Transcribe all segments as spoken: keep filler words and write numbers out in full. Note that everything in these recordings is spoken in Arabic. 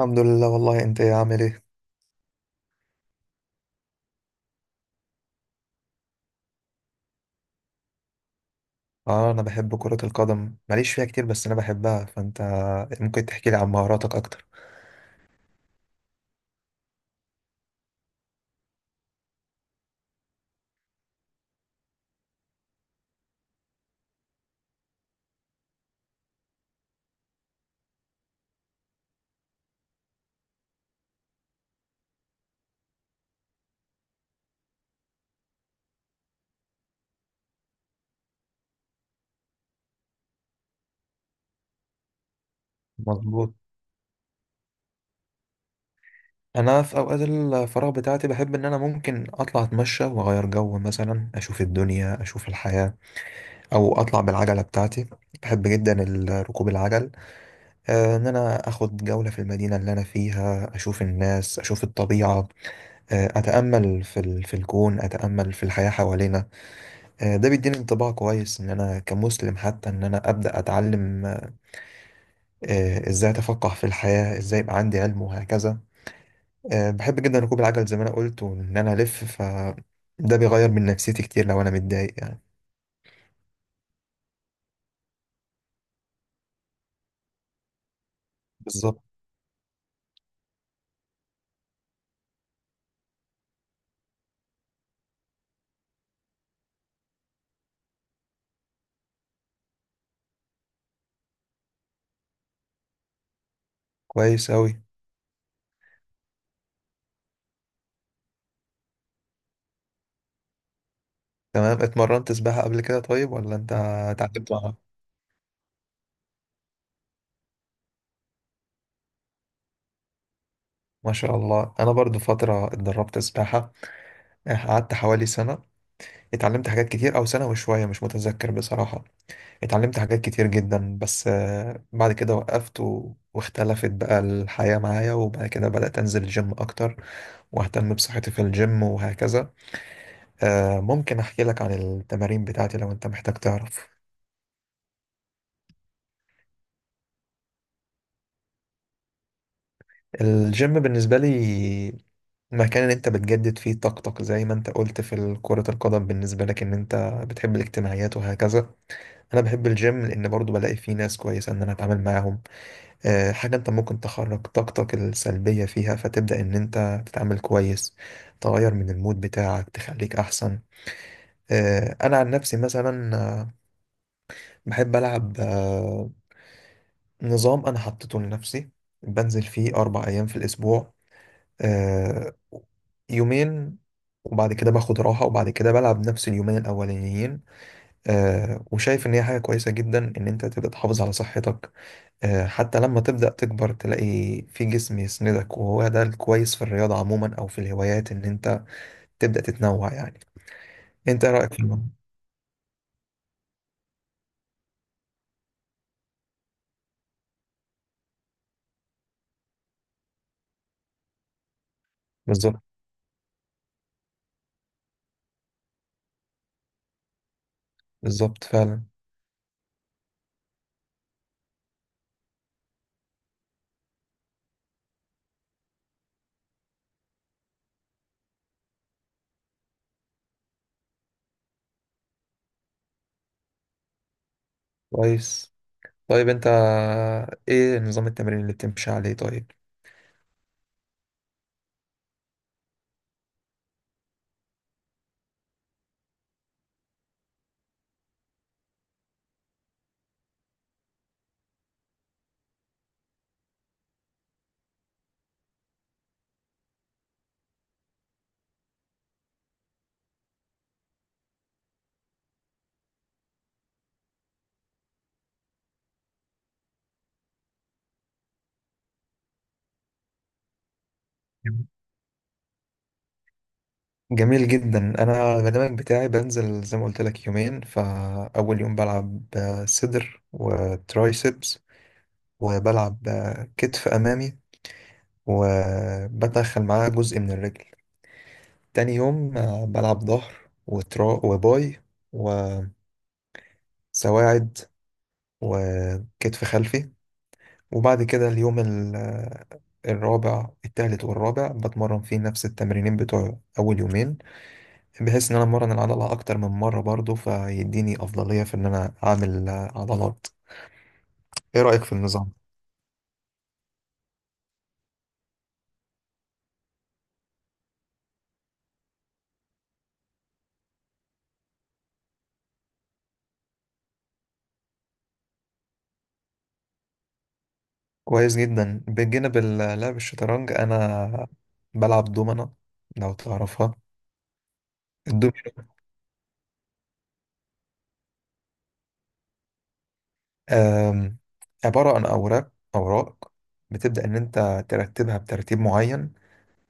الحمد لله. والله انت يا عامل ايه؟ اه، انا بحب كرة القدم، ماليش فيها كتير بس انا بحبها. فانت ممكن تحكي لي عن مهاراتك اكتر؟ مظبوط. انا في اوقات الفراغ بتاعتي بحب ان انا ممكن اطلع اتمشى واغير جو، مثلا اشوف الدنيا اشوف الحياة، او اطلع بالعجلة بتاعتي. بحب جدا ال- ركوب العجل. آه، ان انا اخد جولة في المدينة اللي انا فيها، اشوف الناس اشوف الطبيعة. آه، اتامل في ال- في الكون، اتامل في الحياة حوالينا. آه، ده بيديني انطباع كويس، ان انا كمسلم حتى ان انا ابدا اتعلم آه، ازاي اتفقه في الحياه، ازاي يبقى عندي علم وهكذا. آه، بحب جدا ركوب العجل زي ما انا قلت، وان انا الف ف ده بيغير من نفسيتي كتير لو انا متضايق يعني. بالظبط. كويس اوي. تمام، اتمرنت سباحه قبل كده طيب ولا انت اتعلمت معاها؟ ما شاء الله، انا برضو فتره اتدربت سباحه. آه، قعدت حوالي سنه، اتعلمت حاجات كتير، او سنه وشويه مش متذكر بصراحه. اتعلمت حاجات كتير جدا، بس آه، بعد كده وقفت و... واختلفت بقى الحياة معايا، وبعد كده بدأت أنزل الجيم أكتر وأهتم بصحتي في الجيم وهكذا. آه، ممكن أحكي لك عن التمارين بتاعتي لو أنت محتاج تعرف. الجيم بالنسبة لي مكان اللي أنت بتجدد فيه طاقتك، زي ما أنت قلت في كرة القدم بالنسبة لك إن أنت بتحب الاجتماعيات وهكذا. أنا بحب الجيم لأن برضو بلاقي فيه ناس كويسة إن أنا أتعامل معاهم. آه، حاجة انت ممكن تخرج طاقتك السلبية فيها، فتبدأ ان انت تتعامل كويس، تغير من المود بتاعك، تخليك احسن. آه، انا عن نفسي مثلا، آه، بحب العب آه، نظام انا حطيته لنفسي، بنزل فيه اربع ايام في الاسبوع. آه، يومين وبعد كده باخد راحة، وبعد كده بلعب نفس اليومين الأولانيين. آه، وشايف إن هي حاجة كويسة جدا إن أنت تبقى تحافظ على صحتك. آه، حتى لما تبدأ تكبر تلاقي في جسم يسندك، وهو ده الكويس في الرياضة عموما أو في الهوايات، إن أنت تبدأ تتنوع يعني. أنت إيه رأيك في الموضوع؟ بالظبط. بالظبط فعلا. كويس. طيب أنت إيه نظام التمرين اللي بتمشي عليه طيب؟ جميل جدا. أنا البرنامج بتاعي بنزل زي ما قلت لك يومين، فأول يوم بلعب آه، صدر وترايسبس، وبلعب آه، كتف أمامي، وبدخل معاه جزء من الرجل. تاني يوم آه، بلعب ظهر وترا وباي وسواعد وكتف خلفي. وبعد كده اليوم ال- آه، الرابع، التالت والرابع بتمرن فيه نفس التمرينين بتوع أول يومين، بحيث إن أنا أمرن العضلة أكتر من مرة، برضو فيديني أفضلية في إن أنا أعمل آه، عضلات. إيه رأيك في النظام؟ كويس جدا. بجانب ال- لعب الشطرنج، أنا بلعب دومنة لو تعرفها. آم، عبارة عن أوراق أوراق، بتبدأ إن أنت ترتبها بترتيب معين،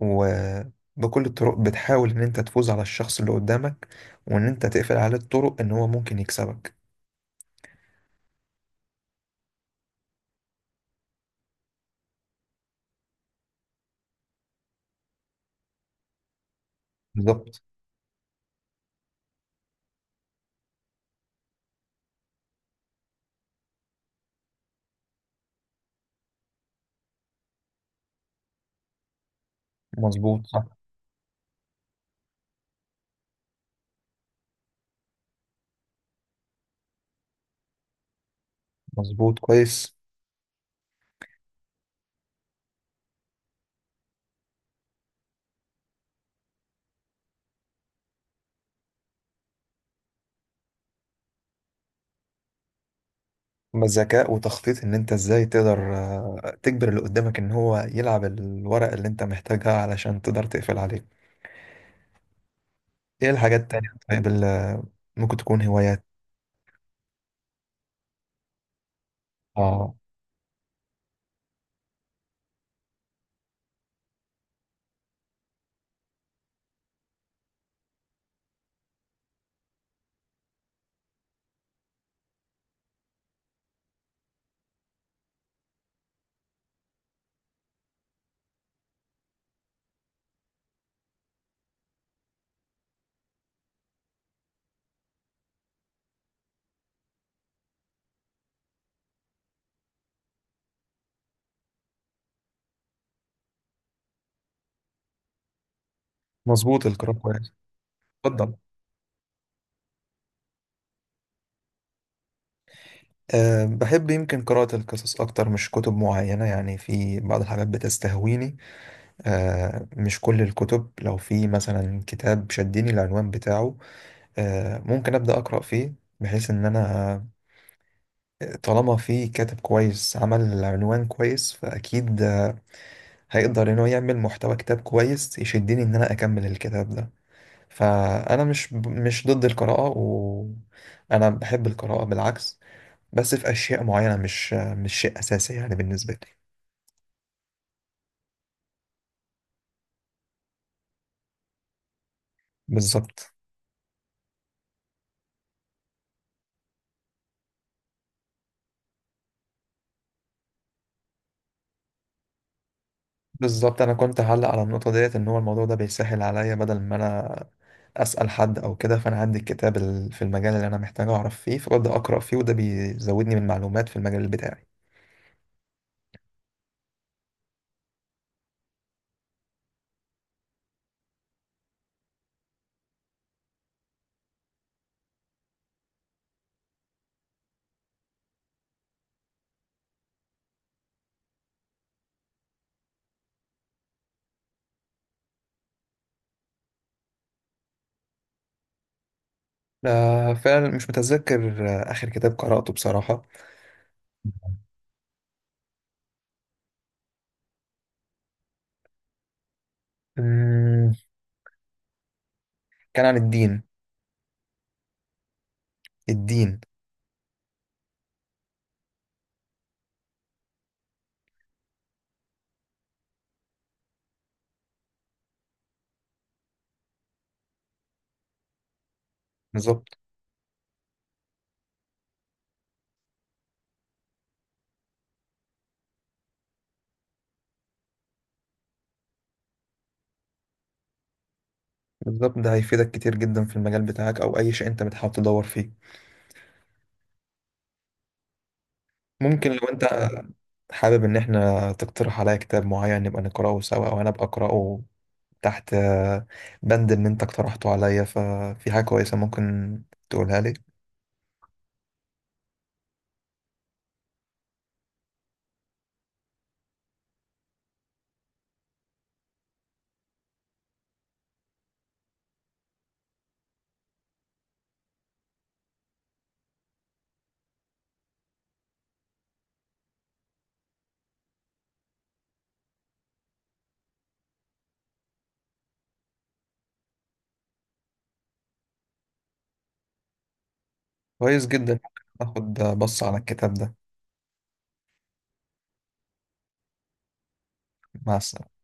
وبكل الطرق بتحاول إن أنت تفوز على الشخص اللي قدامك، وإن أنت تقفل عليه الطرق إن هو ممكن يكسبك. بالظبط. مظبوط، صح. مظبوط. كويس. ذكاء وتخطيط، إن أنت إزاي تقدر آه، تجبر اللي قدامك إن هو يلعب الورق اللي أنت محتاجها علشان تقدر تقفل عليه. إيه الحاجات التانية طيب اللي ممكن تكون هوايات؟ آه. مظبوط، القراءة كويس. اتفضل. أه، بحب يمكن قراءة القصص أكتر، مش كتب معينة. يعني في بعض الحاجات بتستهويني، أه، مش كل الكتب. لو في مثلا كتاب شدني العنوان بتاعه، أه، ممكن أبدأ أقرأ فيه، بحيث إن أنا آه، طالما في كاتب كويس عمل العنوان كويس فأكيد آه، هيقدر إن هو يعمل محتوى كتاب كويس يشدني إن أنا أكمل الكتاب ده. فأنا مش مش ضد القراءة، وأنا بحب القراءة بالعكس، بس في اشياء معينه مش مش شيء اساسي يعني بالنسبه لي. بالظبط. بالظبط، انا كنت هعلق على النقطه ديت ان هو الموضوع ده بيسهل عليا بدل ما انا اسال حد او كده، فانا عندي الكتاب ال- في المجال اللي انا محتاج اعرف فيه، فببدا اقرا فيه، وده بيزودني من معلومات في المجال بتاعي. آه، فعلا مش متذكر آه، اخر كتاب قراته بصراحه. أمم، كان عن الدين. الدين. بالظبط. بالظبط، ده هيفيدك كتير جدا في المجال بتاعك او اي شيء انت بتحاول تدور فيه. ممكن لو انت حابب ان احنا تقترح عليا كتاب معين نبقى نقراه سوا، وانا ابقى اقراه تحت آه، بند اللي انت اقترحته عليا، ففي حاجة كويسة ممكن تقولها لي. كويس جدا، ممكن اخد بص على الكتاب ده. مع السلامة.